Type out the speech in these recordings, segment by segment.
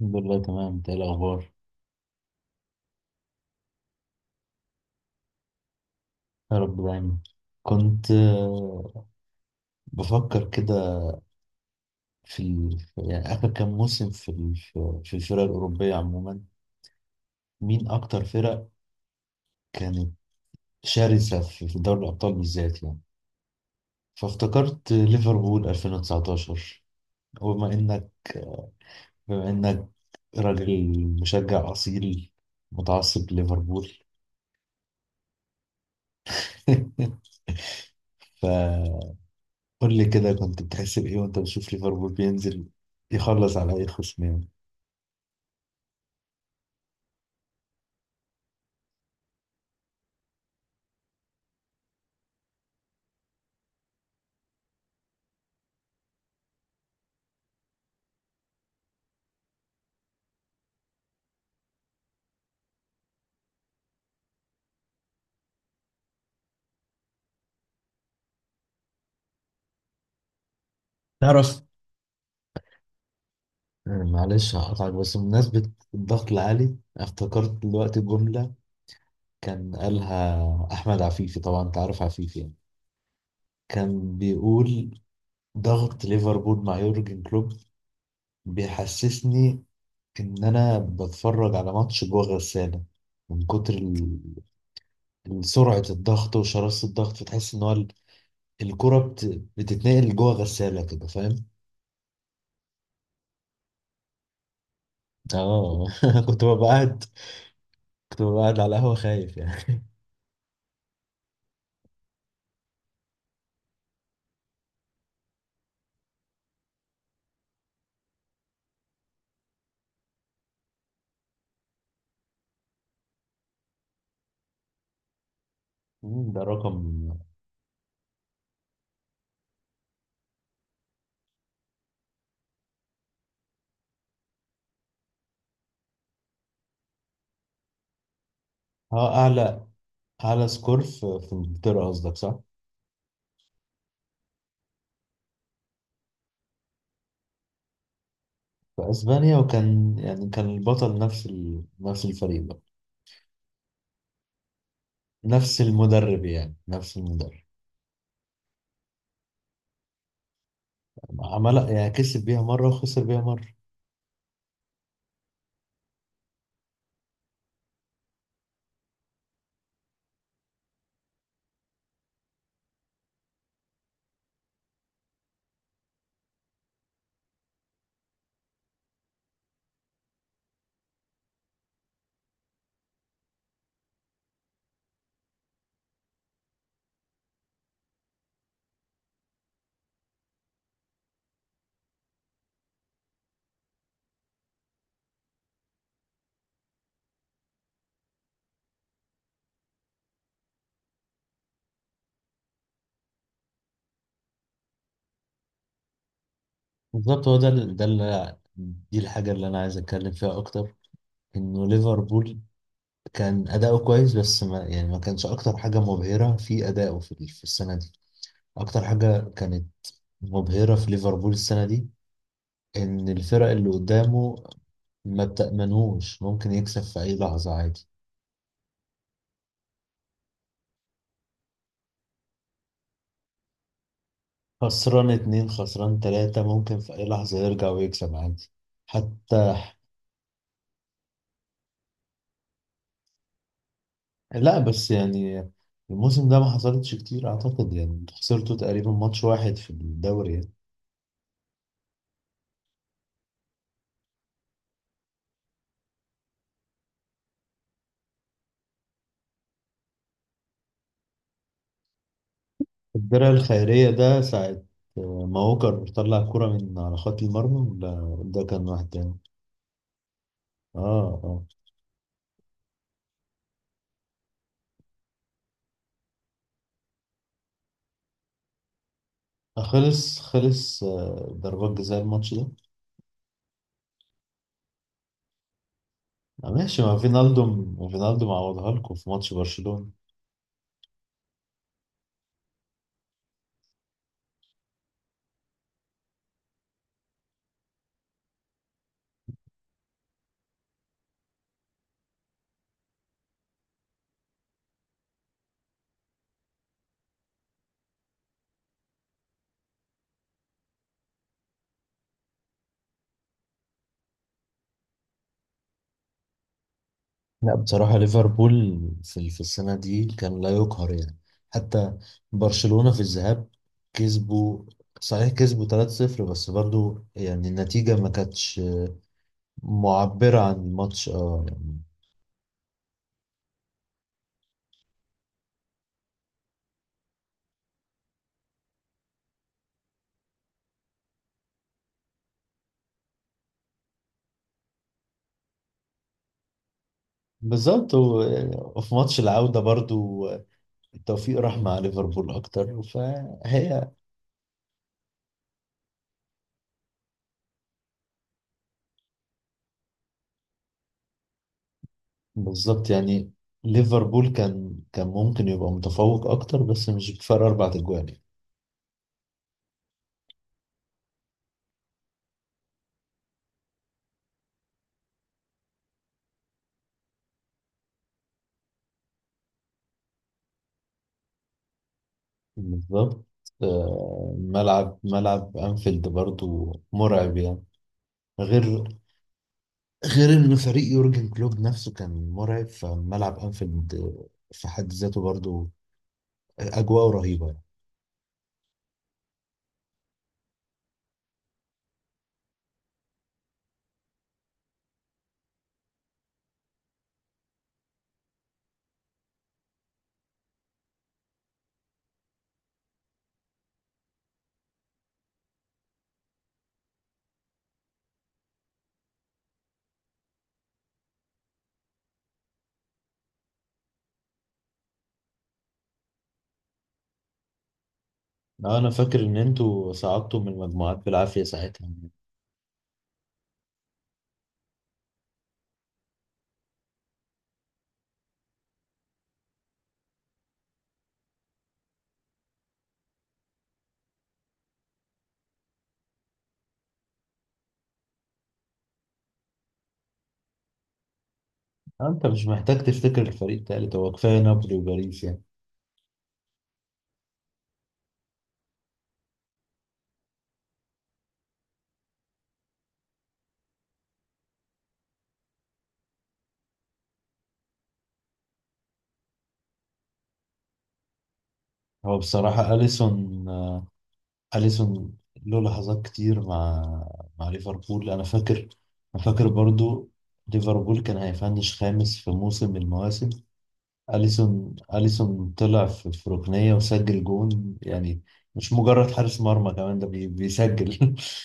الحمد لله، تمام. انت ايه الاخبار؟ يا رب دايما. كنت بفكر كده يعني اخر كام موسم في ال- في في الفرق الاوروبيه عموما، مين اكتر فرق كانت شرسه في دوري الابطال بالذات يعني. فافتكرت ليفربول 2019. وبما انك بما انك راجل مشجع اصيل متعصب ليفربول. فقول لي كده، كنت بتحس بايه وانت بتشوف ليفربول بينزل يخلص على اي خصم يعني؟ تعرف، معلش هقطعك بس بمناسبة الضغط العالي افتكرت دلوقتي جملة كان قالها أحمد عفيفي. طبعا أنت عارف عفيفي يعني. كان بيقول ضغط ليفربول مع يورجن كلوب بيحسسني إن أنا بتفرج على ماتش جوه غسالة، من كتر سرعة الضغط وشراسة الضغط، فتحس إن هو الكرة بتتنقل جوه غسالة كده، فاهم؟ آه. كنت ببقى قاعد كنت ببقى قاعد على القهوة خايف يعني. ده رقم. اه، اعلى، على سكور في انجلترا قصدك، صح؟ في اسبانيا، وكان يعني كان البطل نفس الفريق بقى. نفس المدرب، يعني نفس المدرب. عمل يعني كسب بيها مرة وخسر بيها مرة. بالظبط، هو ده ده اللي، دي الحاجة اللي أنا عايز أتكلم فيها أكتر. إنه ليفربول كان أداؤه كويس، بس ما يعني ما كانش أكتر حاجة مبهرة في أدائه في السنة دي. أكتر حاجة كانت مبهرة في ليفربول السنة دي إن الفرق اللي قدامه ما بتأمنوش، ممكن يكسب في أي لحظة عادي. خسران اتنين، خسران تلاتة، ممكن في أي لحظة يرجع ويكسب عادي. حتى، لا، بس يعني الموسم ده ما حصلتش كتير، أعتقد يعني انتوا خسرتوا تقريبا ماتش واحد في الدوري يعني. الدرع الخيرية ده ساعة ما هوكر طلع كرة من على خط المرمى. لا، ده كان واحد تاني. اه، اه. خلص، خلص، ضربات جزاء الماتش ده. ماشي. ما فينالدو معوضها لكم في ماتش برشلونة. لا، بصراحة ليفربول في السنة دي كان لا يقهر يعني. حتى برشلونة في الذهاب كسبوا، صحيح كسبوا 3-0 بس برضو يعني النتيجة ما كانتش معبرة عن الماتش، اه يعني. بالظبط، وفي ماتش العودة برضو التوفيق راح مع ليفربول أكتر فهي. بالظبط يعني ليفربول كان ممكن يبقى متفوق أكتر بس مش بفرق 4 أجوال. بالظبط. ملعب أنفيلد برضو مرعب يعني. غير غير إن فريق يورجن كلوب نفسه كان مرعب، فملعب أنفيلد في حد ذاته برضو أجواء رهيبة يعني. أنا فاكر إن أنتوا صعدتوا من المجموعات بالعافية ساعتها يعني. أنت مش محتاج تفتكر الفريق التالت، هو كفاية نابولي وباريس يعني. هو بصراحة أليسون له لحظات كتير مع ليفربول، أنا فاكر. أنا فاكر برضو ليفربول كان هيفنش خامس في موسم من المواسم. أليسون طلع في ركنية وسجل جون يعني. مش مجرد حارس مرمى كمان، ده بيسجل.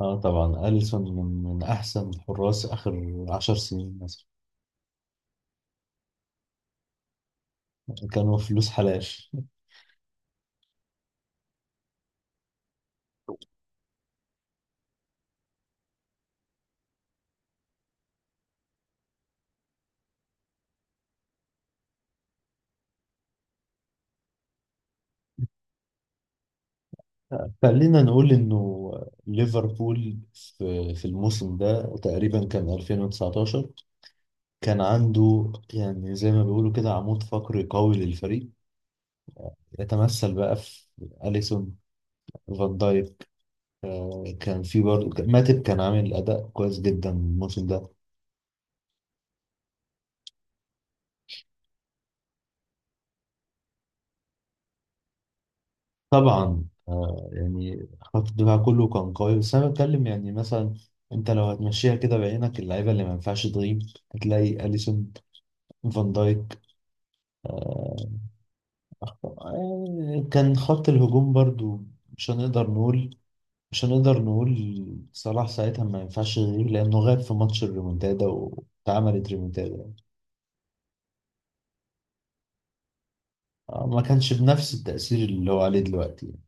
اه، طبعا أليسون من أحسن حراس آخر 10 سنين مثلا. كانوا فلوس حلال. خلينا نقول إنه ليفربول في الموسم ده تقريبا كان 2019، كان عنده يعني زي ما بيقولوا كده عمود فقري قوي للفريق، يتمثل بقى في أليسون، فان دايك، كان في برضه ماتب كان عامل أداء كويس جدا الموسم ده. طبعا يعني خط الدفاع كله كان قوي، بس أنا بتكلم يعني مثلا أنت لو هتمشيها كده بعينك اللعيبة اللي ما ينفعش تغيب هتلاقي أليسون، فان دايك. آه، كان خط الهجوم برضه مش هنقدر نقول مش هنقدر نقول صلاح ساعتها ما ينفعش يغيب، لأنه غاب في ماتش الريمونتادا واتعملت ريمونتادا يعني. ما كانش بنفس التأثير اللي هو عليه دلوقتي يعني.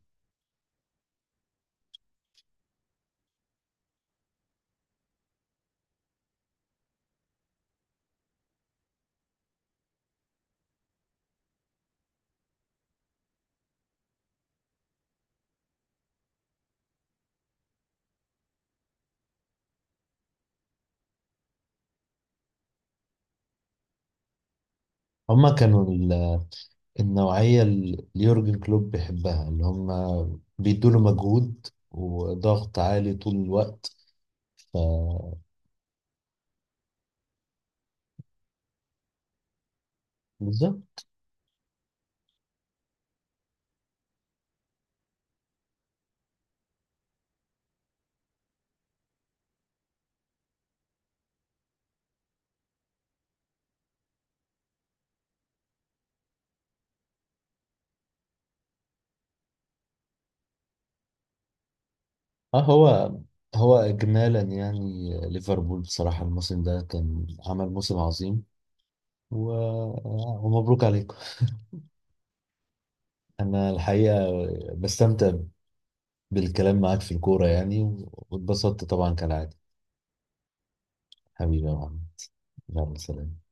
هما كانوا النوعية اللي يورجن كلوب بيحبها، اللي هما بيدوله مجهود وضغط عالي طول الوقت. ف بالظبط. اه، هو هو إجمالا يعني ليفربول بصراحة الموسم ده كان عمل موسم عظيم، و... آه، ومبروك عليكم. أنا الحقيقة بستمتع بالكلام معاك في الكورة يعني، واتبسطت طبعا كالعادة. حبيبي يا محمد، يلا، سلام.